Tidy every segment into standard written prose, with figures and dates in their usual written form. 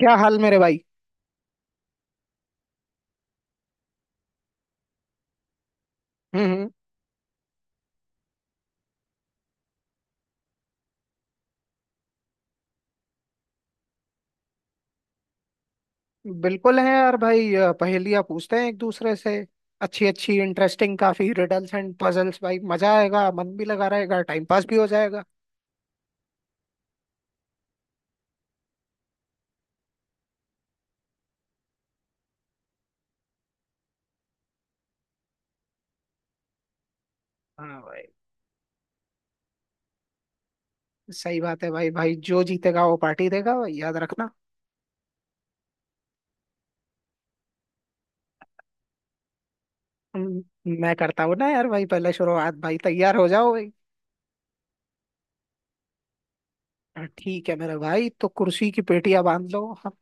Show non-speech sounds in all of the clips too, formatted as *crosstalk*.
क्या हाल मेरे भाई। हम्म। बिल्कुल है यार भाई पहेलियाँ पूछते हैं एक दूसरे से। अच्छी अच्छी इंटरेस्टिंग काफी रिडल्स एंड पजल्स भाई मजा आएगा मन भी लगा रहेगा टाइम पास भी हो जाएगा। हाँ भाई। सही बात है भाई, भाई जो जीतेगा वो पार्टी देगा भाई याद रखना। हम्म, मैं करता हूँ ना यार भाई पहले शुरुआत, भाई तैयार हो जाओ भाई। हाँ, ठीक है मेरे भाई, तो कुर्सी की पेटियां बांध लो, हम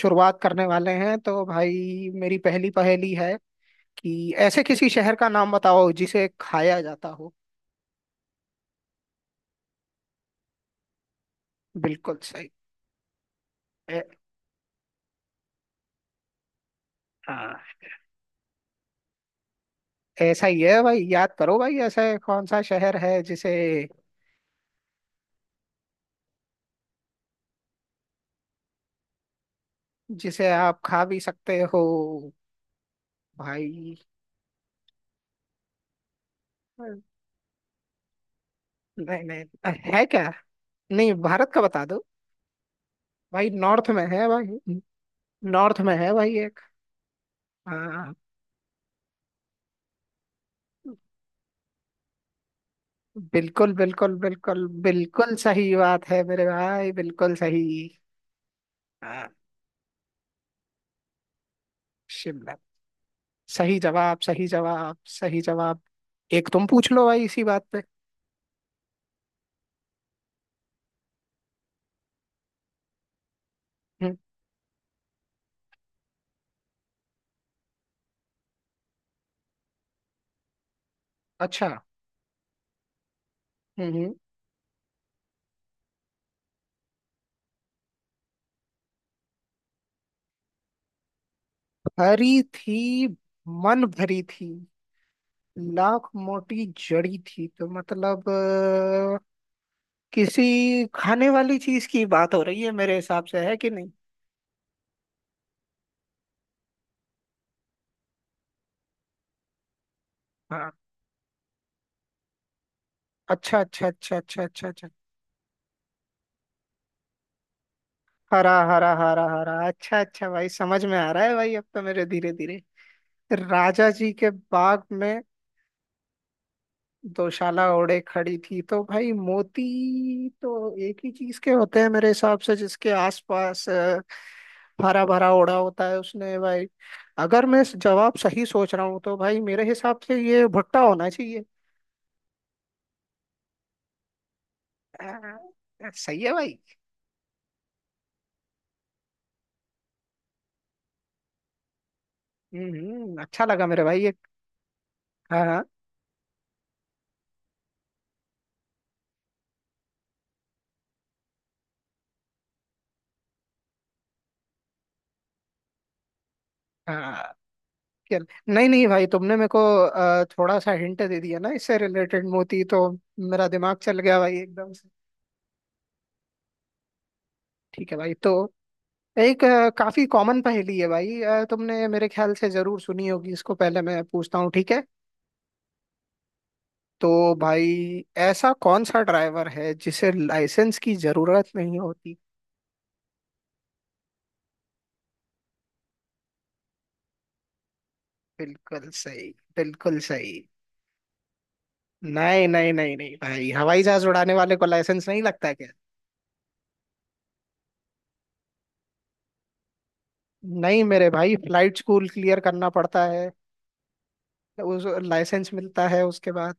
शुरुआत करने वाले हैं। तो भाई मेरी पहली पहेली है कि ऐसे किसी शहर का नाम बताओ जिसे खाया जाता हो। बिल्कुल सही। ए, हाँ, ऐसा ही है भाई, याद करो भाई ऐसा कौन सा शहर है जिसे, जिसे आप खा भी सकते हो भाई। नहीं नहीं। है क्या। नहीं, भारत का बता दो भाई, नॉर्थ में है भाई। नॉर्थ में है भाई एक। हाँ। बिल्कुल बिल्कुल बिल्कुल बिल्कुल सही बात है मेरे भाई, बिल्कुल सही। हाँ। शिमला। सही जवाब, सही जवाब, सही जवाब। एक तुम पूछ लो भाई इसी बात पे। हम्म, अच्छा। हम्म हम्म। हरी थी, मन भरी थी, लाख मोटी जड़ी थी, तो मतलब किसी खाने वाली चीज की बात हो रही है मेरे हिसाब से, है कि नहीं। हाँ। अच्छा अच्छा अच्छा अच्छा अच्छा अच्छा। हरा हरा हरा हरा, अच्छा अच्छा भाई समझ में आ रहा है भाई अब तो मेरे, धीरे धीरे। राजा जी के बाग में दोशाला ओढ़े खड़ी थी, तो भाई मोती तो एक ही चीज के होते हैं मेरे हिसाब से, जिसके आसपास हरा भरा ओढ़ा होता है उसने, भाई अगर मैं जवाब सही सोच रहा हूँ तो भाई मेरे हिसाब से ये भुट्टा होना चाहिए। सही है भाई। हम्म, अच्छा लगा मेरे भाई ये। हाँ हाँ, हाँ, चल, नहीं नहीं भाई तुमने मेरे को थोड़ा सा हिंट दे दिया ना, इससे रिलेटेड मोती, तो मेरा दिमाग चल गया भाई एकदम से। ठीक है भाई। तो एक काफी कॉमन पहेली है भाई, तुमने मेरे ख्याल से जरूर सुनी होगी इसको, पहले मैं पूछता हूँ ठीक है। तो भाई ऐसा कौन सा ड्राइवर है जिसे लाइसेंस की जरूरत नहीं होती। बिल्कुल सही। बिल्कुल सही। नहीं नहीं नहीं नहीं भाई, हवाई जहाज उड़ाने वाले को लाइसेंस नहीं लगता है क्या। नहीं मेरे भाई, फ्लाइट स्कूल क्लियर करना पड़ता है, उस लाइसेंस मिलता है उसके बाद।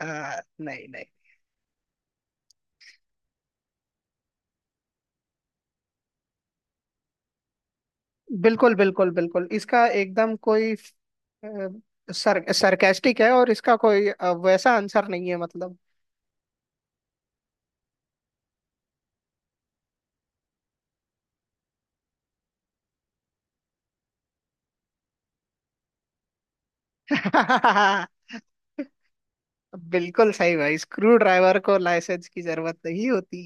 नहीं नहीं। बिल्कुल बिल्कुल बिल्कुल, इसका एकदम कोई सर सरकास्टिक है, और इसका कोई वैसा आंसर नहीं है मतलब। *laughs* बिल्कुल सही भाई, स्क्रू ड्राइवर को लाइसेंस की जरूरत नहीं होती।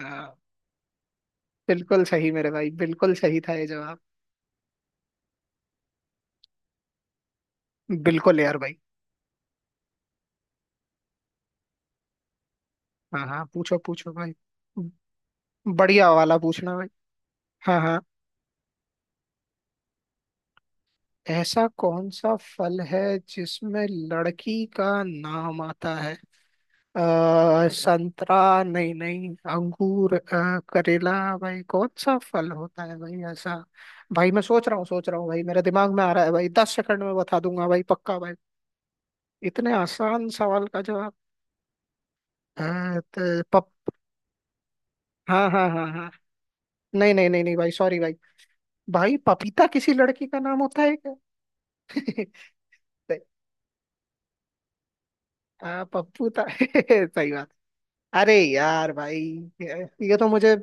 हाँ। बिल्कुल सही मेरे भाई, बिल्कुल सही था ये जवाब। बिल्कुल यार भाई। हाँ हाँ पूछो पूछो भाई। बढ़िया वाला पूछना भाई। हाँ हाँ। ऐसा कौन सा फल है जिसमें लड़की का नाम आता है। संतरा। नहीं नहीं। अंगूर, करेला। भाई कौन सा फल होता है भाई ऐसा। भाई मैं सोच रहा हूँ भाई, मेरे दिमाग में आ रहा है भाई, 10 सेकंड में बता दूंगा भाई पक्का भाई, इतने आसान सवाल का जवाब। हाँ तो पप हाँ हाँ हाँ हाँ, नहीं नहीं नहीं नहीं भाई, सॉरी भाई। भाई पपीता किसी लड़की का नाम होता है क्या। *laughs* सही- हाँ पप्पूता *laughs* सही बात। अरे यार भाई, ये तो मुझे,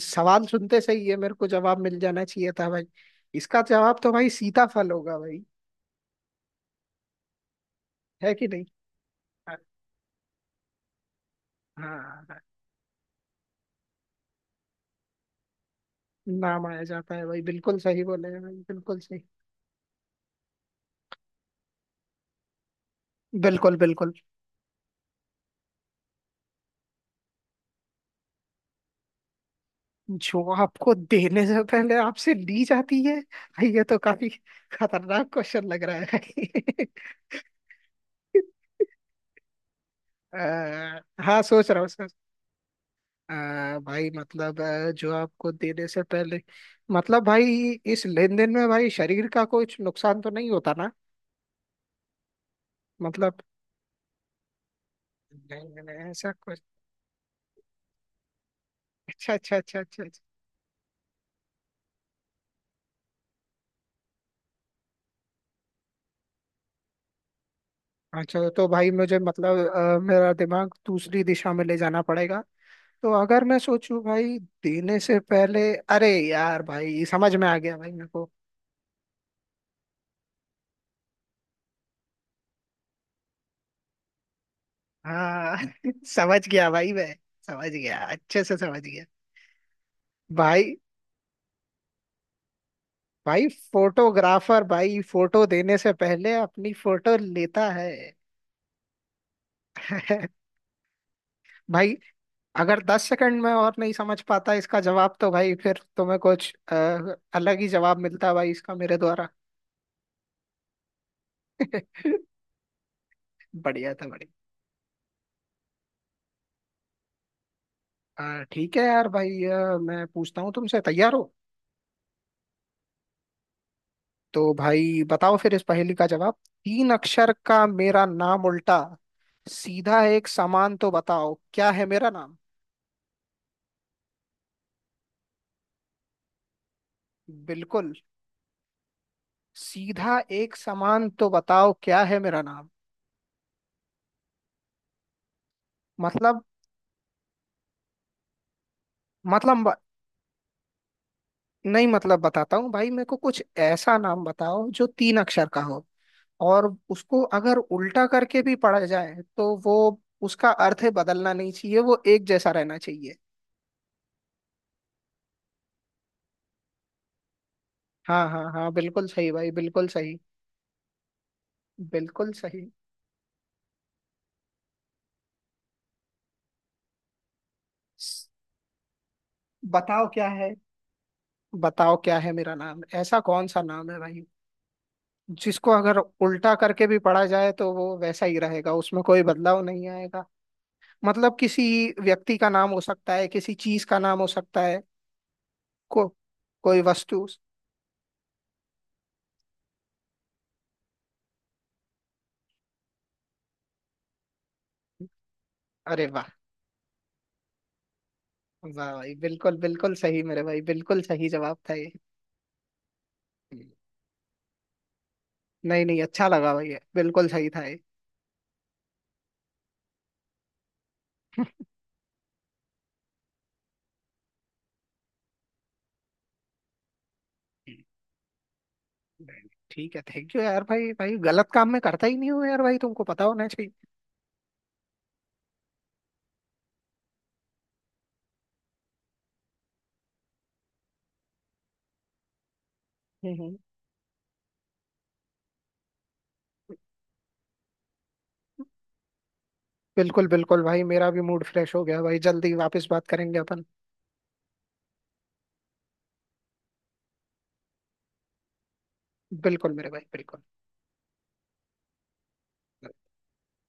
सवाल सुनते से ही है मेरे को, जवाब मिल जाना चाहिए था भाई। इसका जवाब तो भाई सीताफल होगा भाई। है कि नहीं। हाँ, हाँ, हाँ, नाम आया जाता है भाई, बिल्कुल सही बोले हैं भाई, बिल्कुल सही। बिल्कुल बिल्कुल। जो आपको देने से पहले आपसे ली जाती है, ये तो काफी खतरनाक क्वेश्चन लग रहा है। *laughs* आ, हाँ सोच रहा हूँ सर। भाई मतलब जो आपको देने से पहले, मतलब भाई इस लेन देन में भाई शरीर का कुछ नुकसान तो नहीं होता ना। मतलब, नहीं नहीं, ऐसा कुछ। अच्छा अच्छा अच्छा अच्छा अच्छा अच्छा। तो भाई मुझे मतलब मेरा दिमाग दूसरी दिशा में ले जाना पड़ेगा, तो अगर मैं सोचूं भाई, देने से पहले, अरे यार भाई समझ में आ गया भाई मेरे को। हाँ *laughs* समझ गया भाई मैं, समझ गया अच्छे से समझ गया। भाई। भाई। फोटोग्राफर भाई, फोटो देने से पहले अपनी फोटो लेता है। *laughs* भाई अगर 10 सेकंड में और नहीं समझ पाता इसका जवाब, तो भाई फिर तुम्हें कुछ अलग ही जवाब मिलता भाई इसका मेरे द्वारा। *laughs* बढ़िया था बढ़िया। ठीक है यार भाई, मैं पूछता हूँ तुमसे, तैयार हो। तो भाई बताओ फिर इस पहेली का जवाब। तीन अक्षर का मेरा नाम, उल्टा सीधा एक समान, तो बताओ क्या है मेरा नाम। बिल्कुल। सीधा एक समान, तो बताओ क्या है मेरा नाम। मतलब, मतलब ब- नहीं मतलब बताता हूँ भाई, मेरे को कुछ ऐसा नाम बताओ जो 3 अक्षर का हो, और उसको अगर उल्टा करके भी पढ़ा जाए तो वो, उसका अर्थ बदलना नहीं चाहिए, वो एक जैसा रहना चाहिए। हाँ हाँ हाँ, बिल्कुल सही भाई बिल्कुल सही। बिल्कुल सही। बताओ क्या है। बताओ क्या है मेरा नाम, ऐसा कौन सा नाम है भाई जिसको अगर उल्टा करके भी पढ़ा जाए तो वो वैसा ही रहेगा, उसमें कोई बदलाव नहीं आएगा। मतलब किसी व्यक्ति का नाम हो सकता है, किसी चीज का नाम हो सकता है, को कोई वस्तु। अरे वाह। वाह भाई, बिल्कुल बिल्कुल सही मेरे भाई, बिल्कुल सही जवाब था ये। नहीं नहीं, अच्छा लगा भाई, ये बिल्कुल सही था ये। *laughs* नहीं, नहीं, ठीक है, थैंक यू यार भाई, भाई गलत काम में करता ही नहीं हूँ यार भाई, तुमको पता होना चाहिए। हम्म, हम्म। बिल्कुल बिल्कुल भाई, मेरा भी मूड फ्रेश हो गया भाई, जल्दी वापस बात करेंगे अपन। बिल्कुल मेरे भाई बिल्कुल।